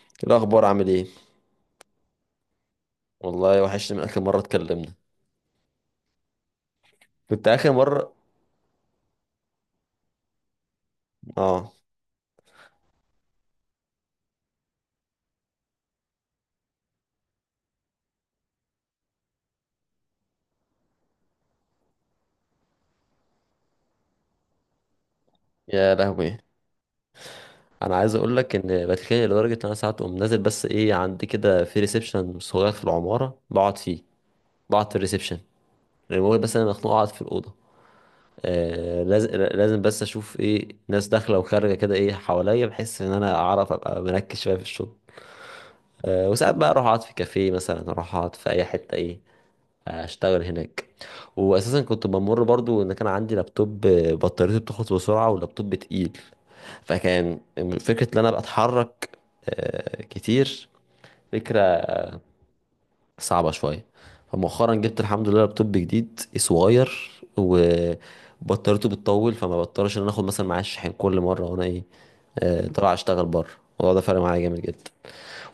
إيه الاخبار؟ عامل ايه؟ والله وحشني من اخر مره اتكلمنا. كنت اخر مره. اه. يا لهوي. انا عايز اقول لك ان بتخانق لدرجه ان انا ساعات اقوم نازل، بس ايه، عندي كده في ريسبشن صغير في العماره بقعد فيه. بقعد في الريسبشن. المهم بس انا مخنوق اقعد في الاوضه. لازم، لازم بس اشوف ايه ناس داخله وخارجه كده، ايه حواليا، بحس ان انا اعرف ابقى مركز شويه في الشغل. وساعات بقى اروح اقعد في كافيه مثلا، اروح اقعد في اي حته، ايه، اشتغل هناك. واساسا كنت بمر برضو ان كان عندي لابتوب، بطاريته بتخلص بسرعه واللابتوب تقيل. فكان فكره ان انا بتحرك كتير، فكره صعبه شويه. فمؤخرا جبت الحمد لله لابتوب جديد صغير وبطاريته بتطول، فما بضطرش ان انا اخد مثلا معايا الشاحن كل مره، وانا ايه، طلع اشتغل بره. الموضوع ده فرق معايا جامد جدا.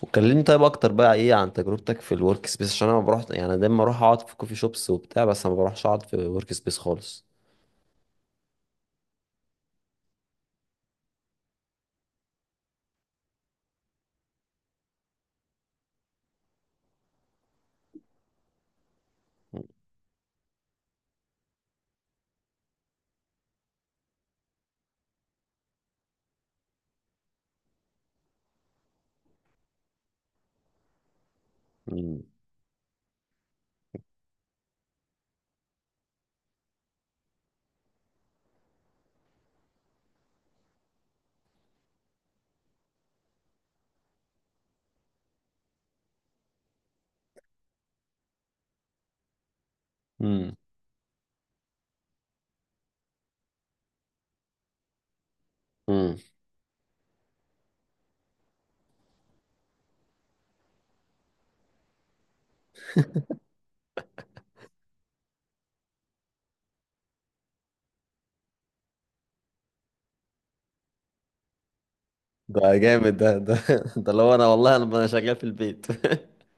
وكلمني طيب اكتر بقى، ايه عن تجربتك في الورك سبيس؟ عشان انا ما بروح يعني، أنا دايما اروح اقعد في كوفي شوبس وبتاع، بس انا ما بروحش اقعد في ورك سبيس خالص. مم. مم. مم. ده جامد، ده ده اللي هو انا، والله انا، شغال في البيت.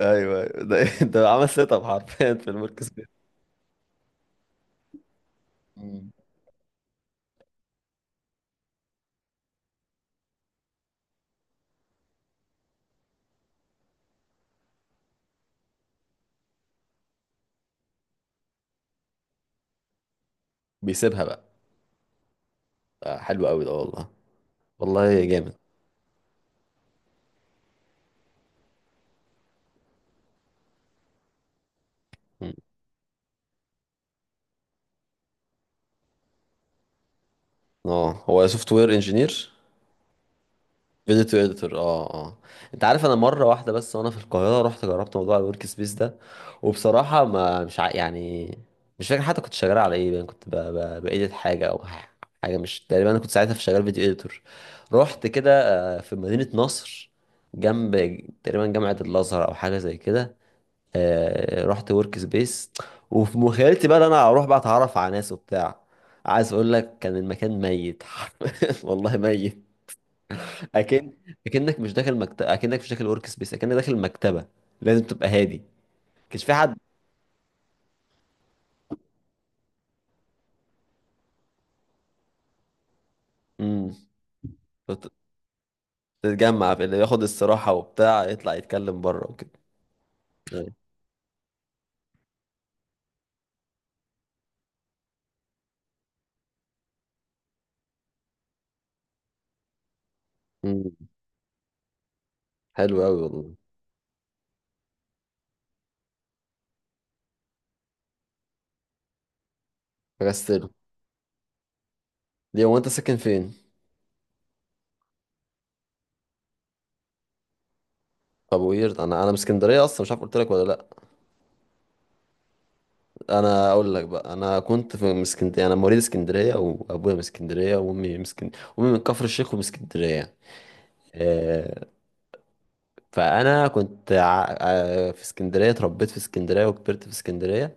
ايوه، أيوة. ده ده عمل سيت اب حرفيا في الورك سبيس. مم. بيسيبها بقى. حلو قوي ده والله. والله جامد. مم. اه هو سوفت وير انجينير. اديتور اديتور، اه اه. انت عارف، انا مره واحده بس وانا في القاهره رحت جربت موضوع الورك سبيس ده، وبصراحه ما مش يعني، مش فاكر حتى كنت شغال على ايه، يعني كنت بايديت حاجه او حاجه. مش تقريبا انا كنت ساعتها في شغال فيديو اديتور. رحت كده في مدينه نصر، جنب تقريبا جامعه الازهر او حاجه زي كده. رحت ورك سبيس، وفي مخيلتي بقى ان انا اروح بقى اتعرف على ناس وبتاع. عايز اقول لك، كان المكان ميت. والله ميت. اكن، اكنك مش داخل مكتب، اكنك مش داخل ورك سبيس، اكنك داخل مكتبه، لازم تبقى هادي. كانش في حد. امم. بت- تتجمع في اللي ياخد الصراحه وبتاع يطلع يتكلم بره وكده. أيوة. امم. حلو قوي والله. فكستله. ليه؟ هو انت ساكن فين؟ طب ويرد، انا من اسكندريه اصلا، مش عارف قلت لك ولا لا. انا اقول لك بقى، انا كنت في من اسكندريه، انا مواليد اسكندريه، وابويا من اسكندريه، وامي من اسكندريه، وامي من كفر الشيخ ومن اسكندريه. آه، فانا كنت في اسكندريه، اتربيت في اسكندريه وكبرت في اسكندريه.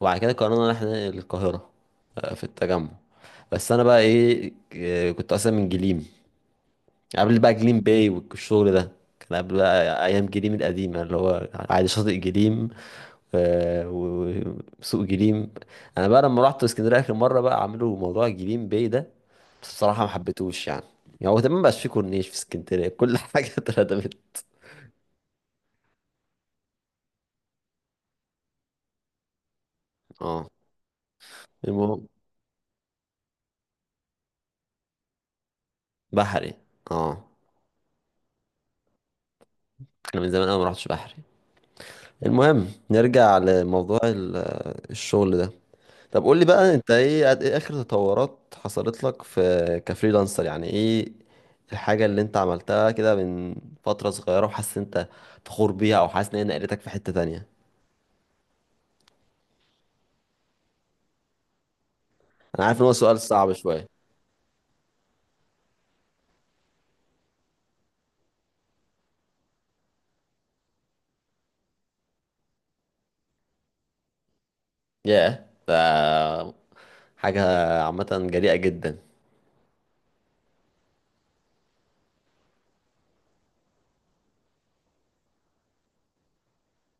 وبعد كده قررنا ان احنا ننقل القاهره، في التجمع. بس انا بقى ايه، كنت اصلا من جليم. قبل بقى جليم باي والشغل ده، كان قبل بقى ايام جليم القديمه اللي هو عادي شاطئ جليم، و- وسوق جليم. انا بقى لما رحت اسكندريه اخر مره، بقى عملوا موضوع جليم باي ده، بس بصراحه ما حبيتهوش يعني. يعني هو تمام، مبقاش فيه كورنيش في اسكندريه، كل حاجه اتردمت. اه. المهم بحري. اه. انا من زمان انا ما رحتش بحري. المهم نرجع لموضوع الشغل ده. طب قول لي بقى، انت ايه اخر تطورات حصلت لك في كفريلانسر يعني؟ ايه الحاجة اللي انت عملتها كده من فترة صغيرة وحاسس إن انت فخور بيها، او حاسس ان هي نقلتك في حتة تانية؟ انا عارف ان هو سؤال صعب شوية. ياه، ده حاجة عامة جريئة جدا.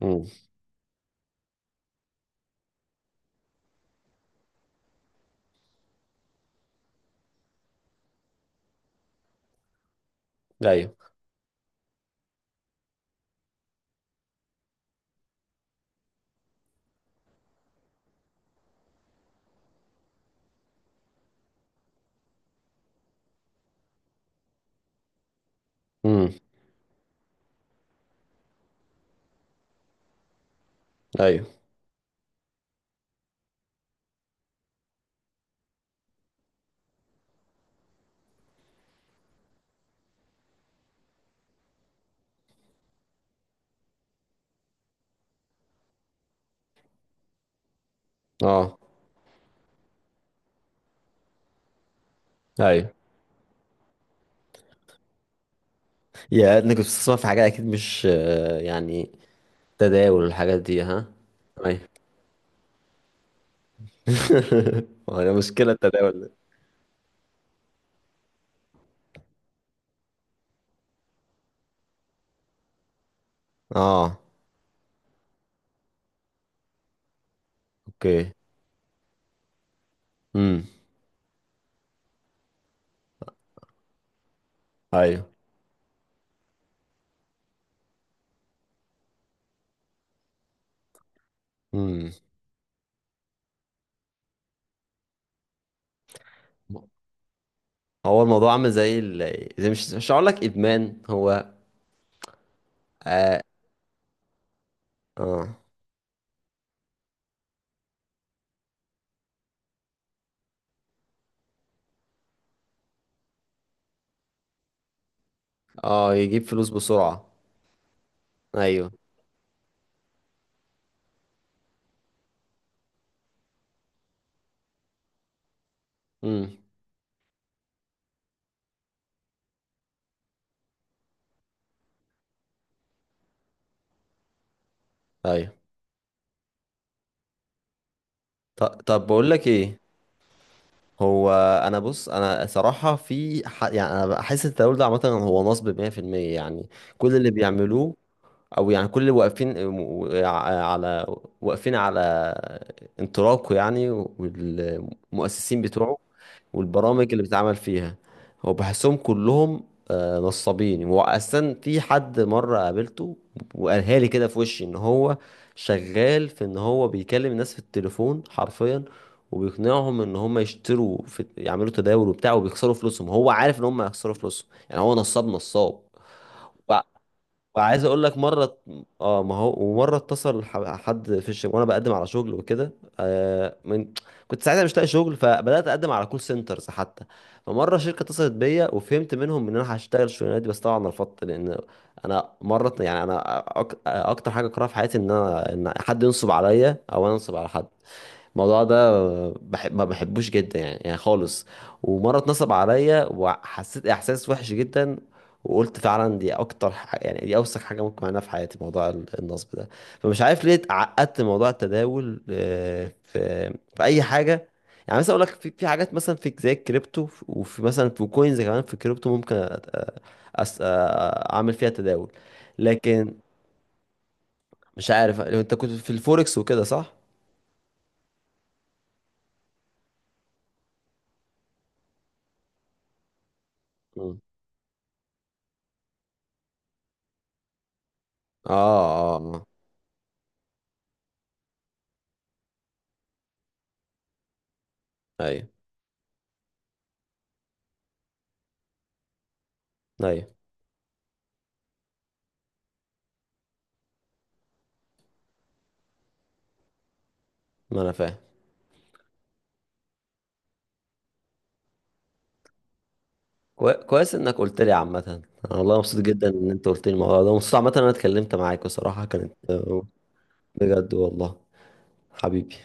امم. ايوه. امم. ايوه. اه. ايوه. يا انك كنت بتسمع في حاجة اكيد، مش يعني، تداول والحاجات دي، ها؟ ايوه. ما هي مشكلة التداول ده. اه. اوكي. امم. ايوه. امم. هو الموضوع عامل زي زي، مش هقول لك ادمان هو. اه. اه. يجيب فلوس بسرعة. ايوه. امم. ايوه. طب بقول لك ايه. هو، انا بص، انا صراحة في يعني، انا بحس التداول ده عامة هو نصب 100% يعني. كل اللي بيعملوه، او يعني كل اللي واقفين، على، واقفين على انطلاقه يعني، والمؤسسين بتوعه والبرامج اللي بتتعمل فيها، هو بحسهم كلهم نصابين. واصلا في حد مره قابلته وقالها لي كده في وشي ان هو شغال في، ان هو بيكلم الناس في التليفون حرفيا، وبيقنعهم ان هم يشتروا في يعملوا تداول وبتاع وبيخسروا فلوسهم، هو عارف ان هم هيخسروا فلوسهم، يعني هو نصاب، نصاب. وعايز اقول لك مره. اه، ما هو، ومره اتصل حد في الشغل وانا بقدم على شغل وكده، آه من كنت ساعتها مش لاقي شغل، فبدات اقدم على كول سنترز حتى. فمره شركه اتصلت بيا وفهمت منهم ان انا هشتغل الشغلانه دي، بس طبعا رفضت، لان انا مره يعني انا، اكتر حاجه اكرهها في حياتي ان انا، ان حد ينصب عليا او انا انصب على حد. الموضوع ده بحب، ما بحبوش جدا يعني، يعني خالص. ومره اتنصب عليا وحسيت احساس وحش جدا، وقلت فعلا دي اكتر يعني دي اوسخ حاجه ممكن اعملها في حياتي، موضوع النصب ده. فمش عارف ليه اتعقدت من موضوع التداول في، في اي حاجه. يعني مثلا اقول لك في، في حاجات مثلا في زي الكريبتو، وفي مثلا في كوينز كمان في الكريبتو ممكن أس- أ- اعمل فيها تداول. لكن مش عارف، انت كنت في الفوركس وكده، صح؟ مم. اه اه آه. ايوه ايوه. ما انا فاهم. كويس انك قلت لي. عامة انا والله مبسوط جدا ان انت قلت لي الموضوع ده. مبسوط عامة إن انا اتكلمت معاك بصراحة كانت بجد، والله. حبيبي.